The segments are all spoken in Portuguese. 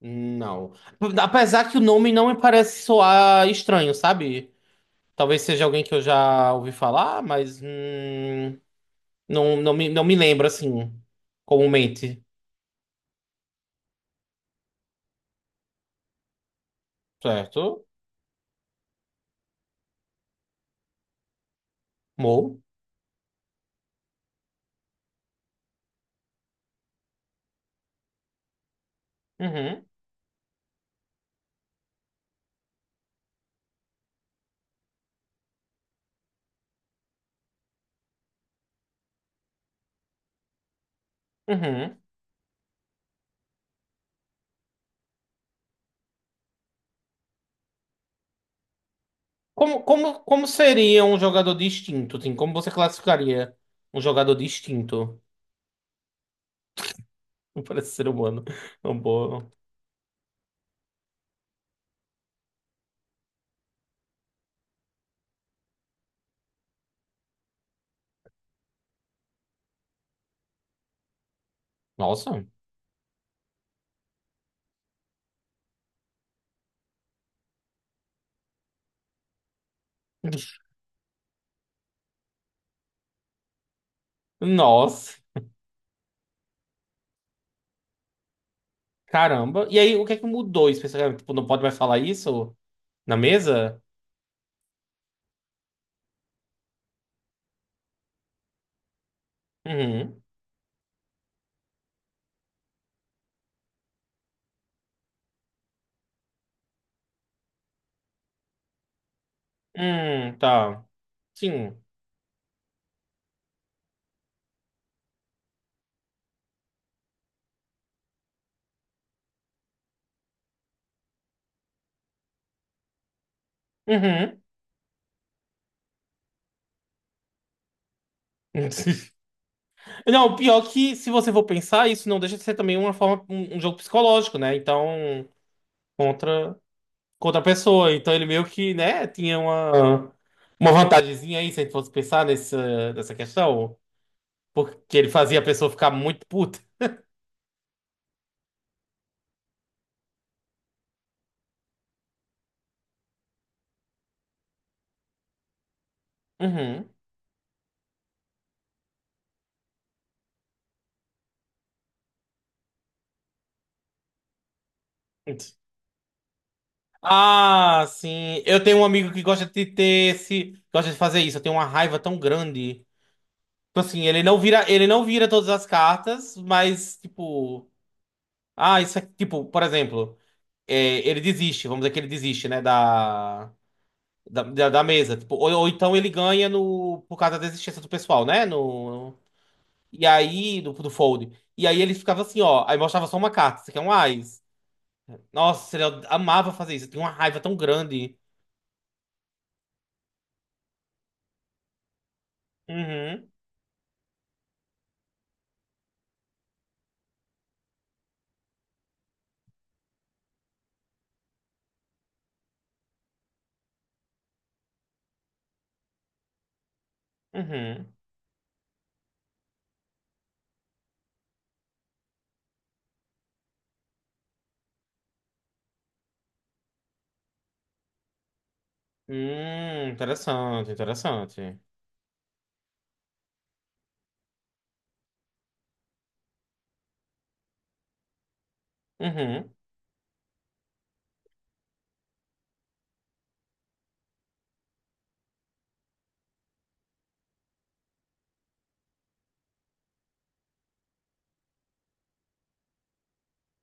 Não. Apesar que o nome não me parece soar estranho, sabe? Talvez seja alguém que eu já ouvi falar, mas não, não me lembro assim comumente, certo? Mo. Uhum, uhum. Como seria um jogador distinto, Tim? Como você classificaria um jogador distinto? Não parece ser humano. Não, boa. Nossa. Nossa. Caramba. E aí, o que é que mudou especificamente? Tipo, não pode mais falar isso na mesa? Uhum. Tá. Sim. Uhum. Não, pior é que se você for pensar, isso não deixa de ser também uma forma, um jogo psicológico, né? Então, contra, contra a pessoa. Então ele meio que, né, tinha uma vantagemzinha aí, se a gente fosse pensar nessa questão. Porque ele fazia a pessoa ficar muito puta. Uhum. Ah, sim. Eu tenho um amigo que gosta de ter esse, gosta de fazer isso. Eu tenho uma raiva tão grande. Tipo assim, ele não vira todas as cartas, mas tipo, ah, isso aqui, tipo, por exemplo, é, ele desiste, vamos dizer que ele desiste, né, da da mesa, tipo, ou então ele ganha no por causa da desistência do pessoal, né, no e aí do, do fold. E aí ele ficava assim, ó, aí mostrava só uma carta, isso aqui é um ás. Nossa, ele amava fazer isso, tem uma raiva tão grande. Uhum, uhum. Interessante, interessante. Uhum,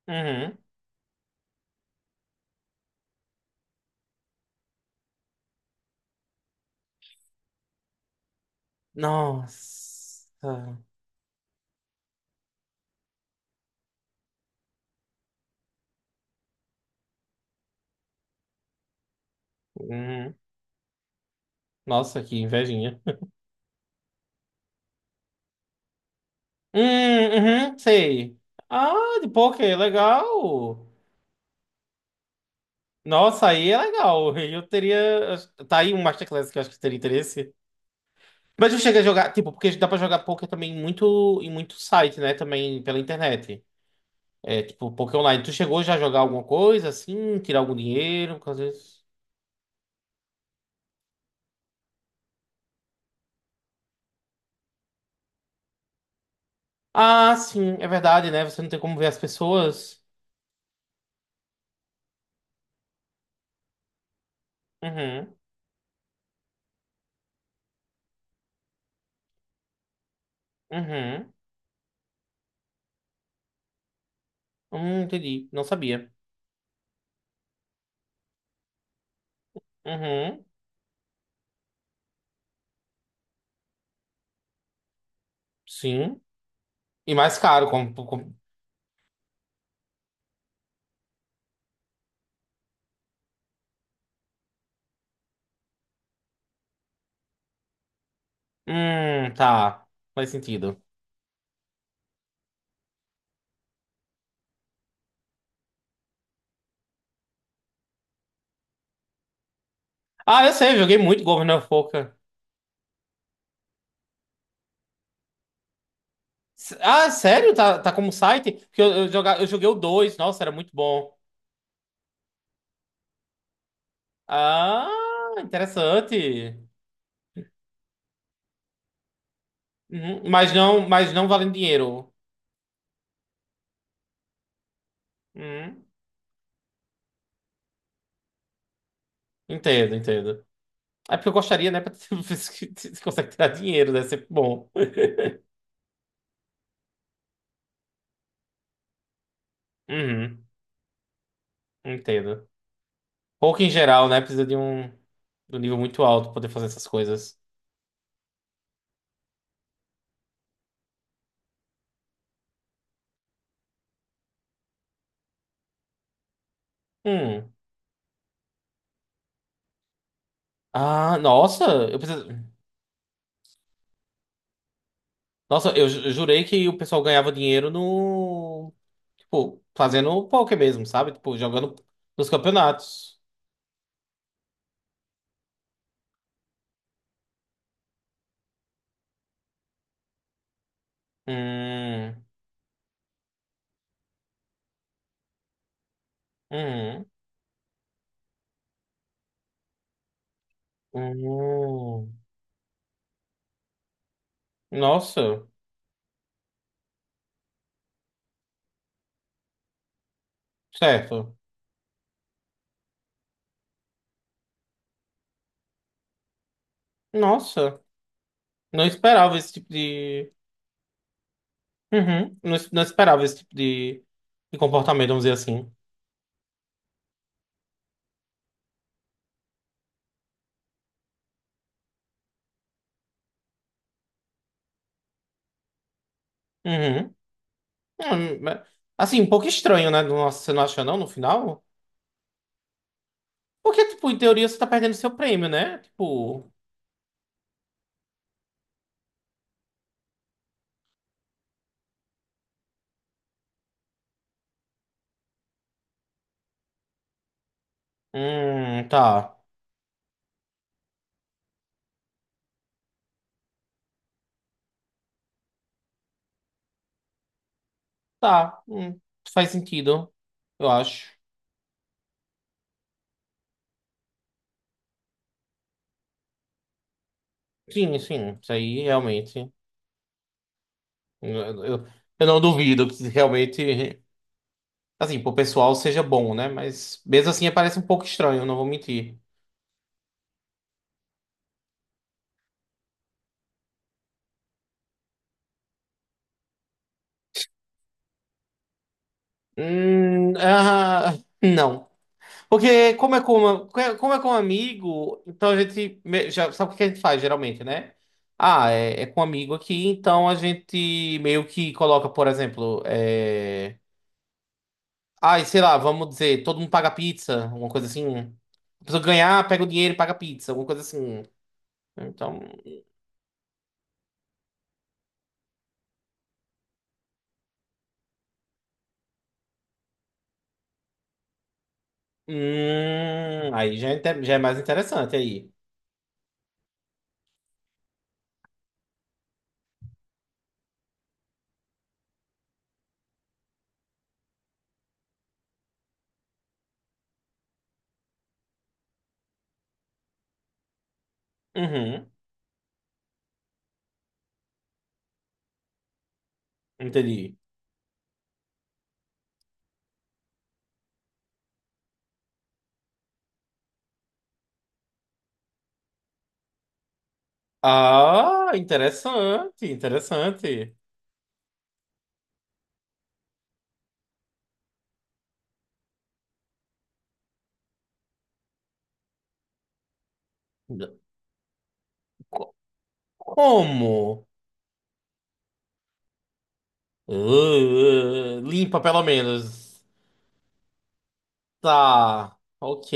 uhum. Nossa. Uhum. Nossa, que invejinha. Hum, uhum, sei. Ah, de poker, legal. Nossa, aí é legal. Eu teria. Tá aí um Masterclass que eu acho que teria interesse. Mas eu cheguei a jogar, tipo, porque dá pra jogar poker também muito, em muito site, né? Também pela internet. É, tipo, poker online. Tu chegou já a jogar alguma coisa assim? Tirar algum dinheiro? Porque às vezes. Ah, sim, é verdade, né? Você não tem como ver as pessoas. Uhum, uhum. Entendi. Não sabia. Uhum, sim. E mais caro, como, como- tá. Faz sentido. Ah, eu sei, eu joguei muito Governor of Poker. S- Ah, sério? Tá, tá como site? Porque eu joguei o dois, nossa, era muito bom. Ah, interessante. Uhum, mas não, mas não valendo dinheiro. Uhum, entendo, entendo. É porque eu gostaria, né? Pra ver se se consegue tirar dinheiro, deve ser bom. Uhum, entendo. Poker em geral, né? Precisa de um nível muito alto pra poder fazer essas coisas. Hum. Ah, nossa, eu preciso... Nossa, eu ju- jurei que o pessoal ganhava dinheiro no... Tipo, fazendo poker mesmo, sabe? Tipo, jogando nos campeonatos. Hum, hum, hum. Nossa, certo. Nossa, não esperava esse tipo de... Uhum, não, es- não esperava esse tipo de comportamento, vamos dizer assim. Uhum. Mas- Assim, um pouco estranho, né? Nossa, você não acha não, no final? Porque, tipo, em teoria você tá perdendo seu prêmio, né? Tipo... tá. Tá. Faz sentido, eu acho. Sim, sim, isso aí realmente. Eu, eu, eu não duvido que realmente, assim, pro pessoal seja bom, né? Mas mesmo assim parece um pouco estranho, não vou mentir. Ah, não. Porque como é com um amigo, então a gente me- já sabe o que a gente faz geralmente, né? Ah, é, é com um amigo aqui, então a gente meio que coloca, por exemplo, é. Ai, sei lá, vamos dizer, todo mundo paga pizza, alguma coisa assim. A pessoa ganhar, pega o dinheiro e paga pizza, alguma coisa assim. Então, aí já é, inte- já é mais interessante aí. Uhum, entendi. Ah, interessante, interessante. Co- Como? Ah, limpa, pelo menos. Tá, ok.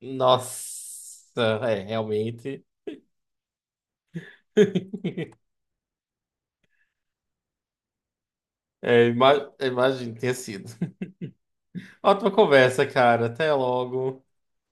Nossa, é, realmente. É, ima- imagino que tenha sido. Ótima conversa, cara. Até logo.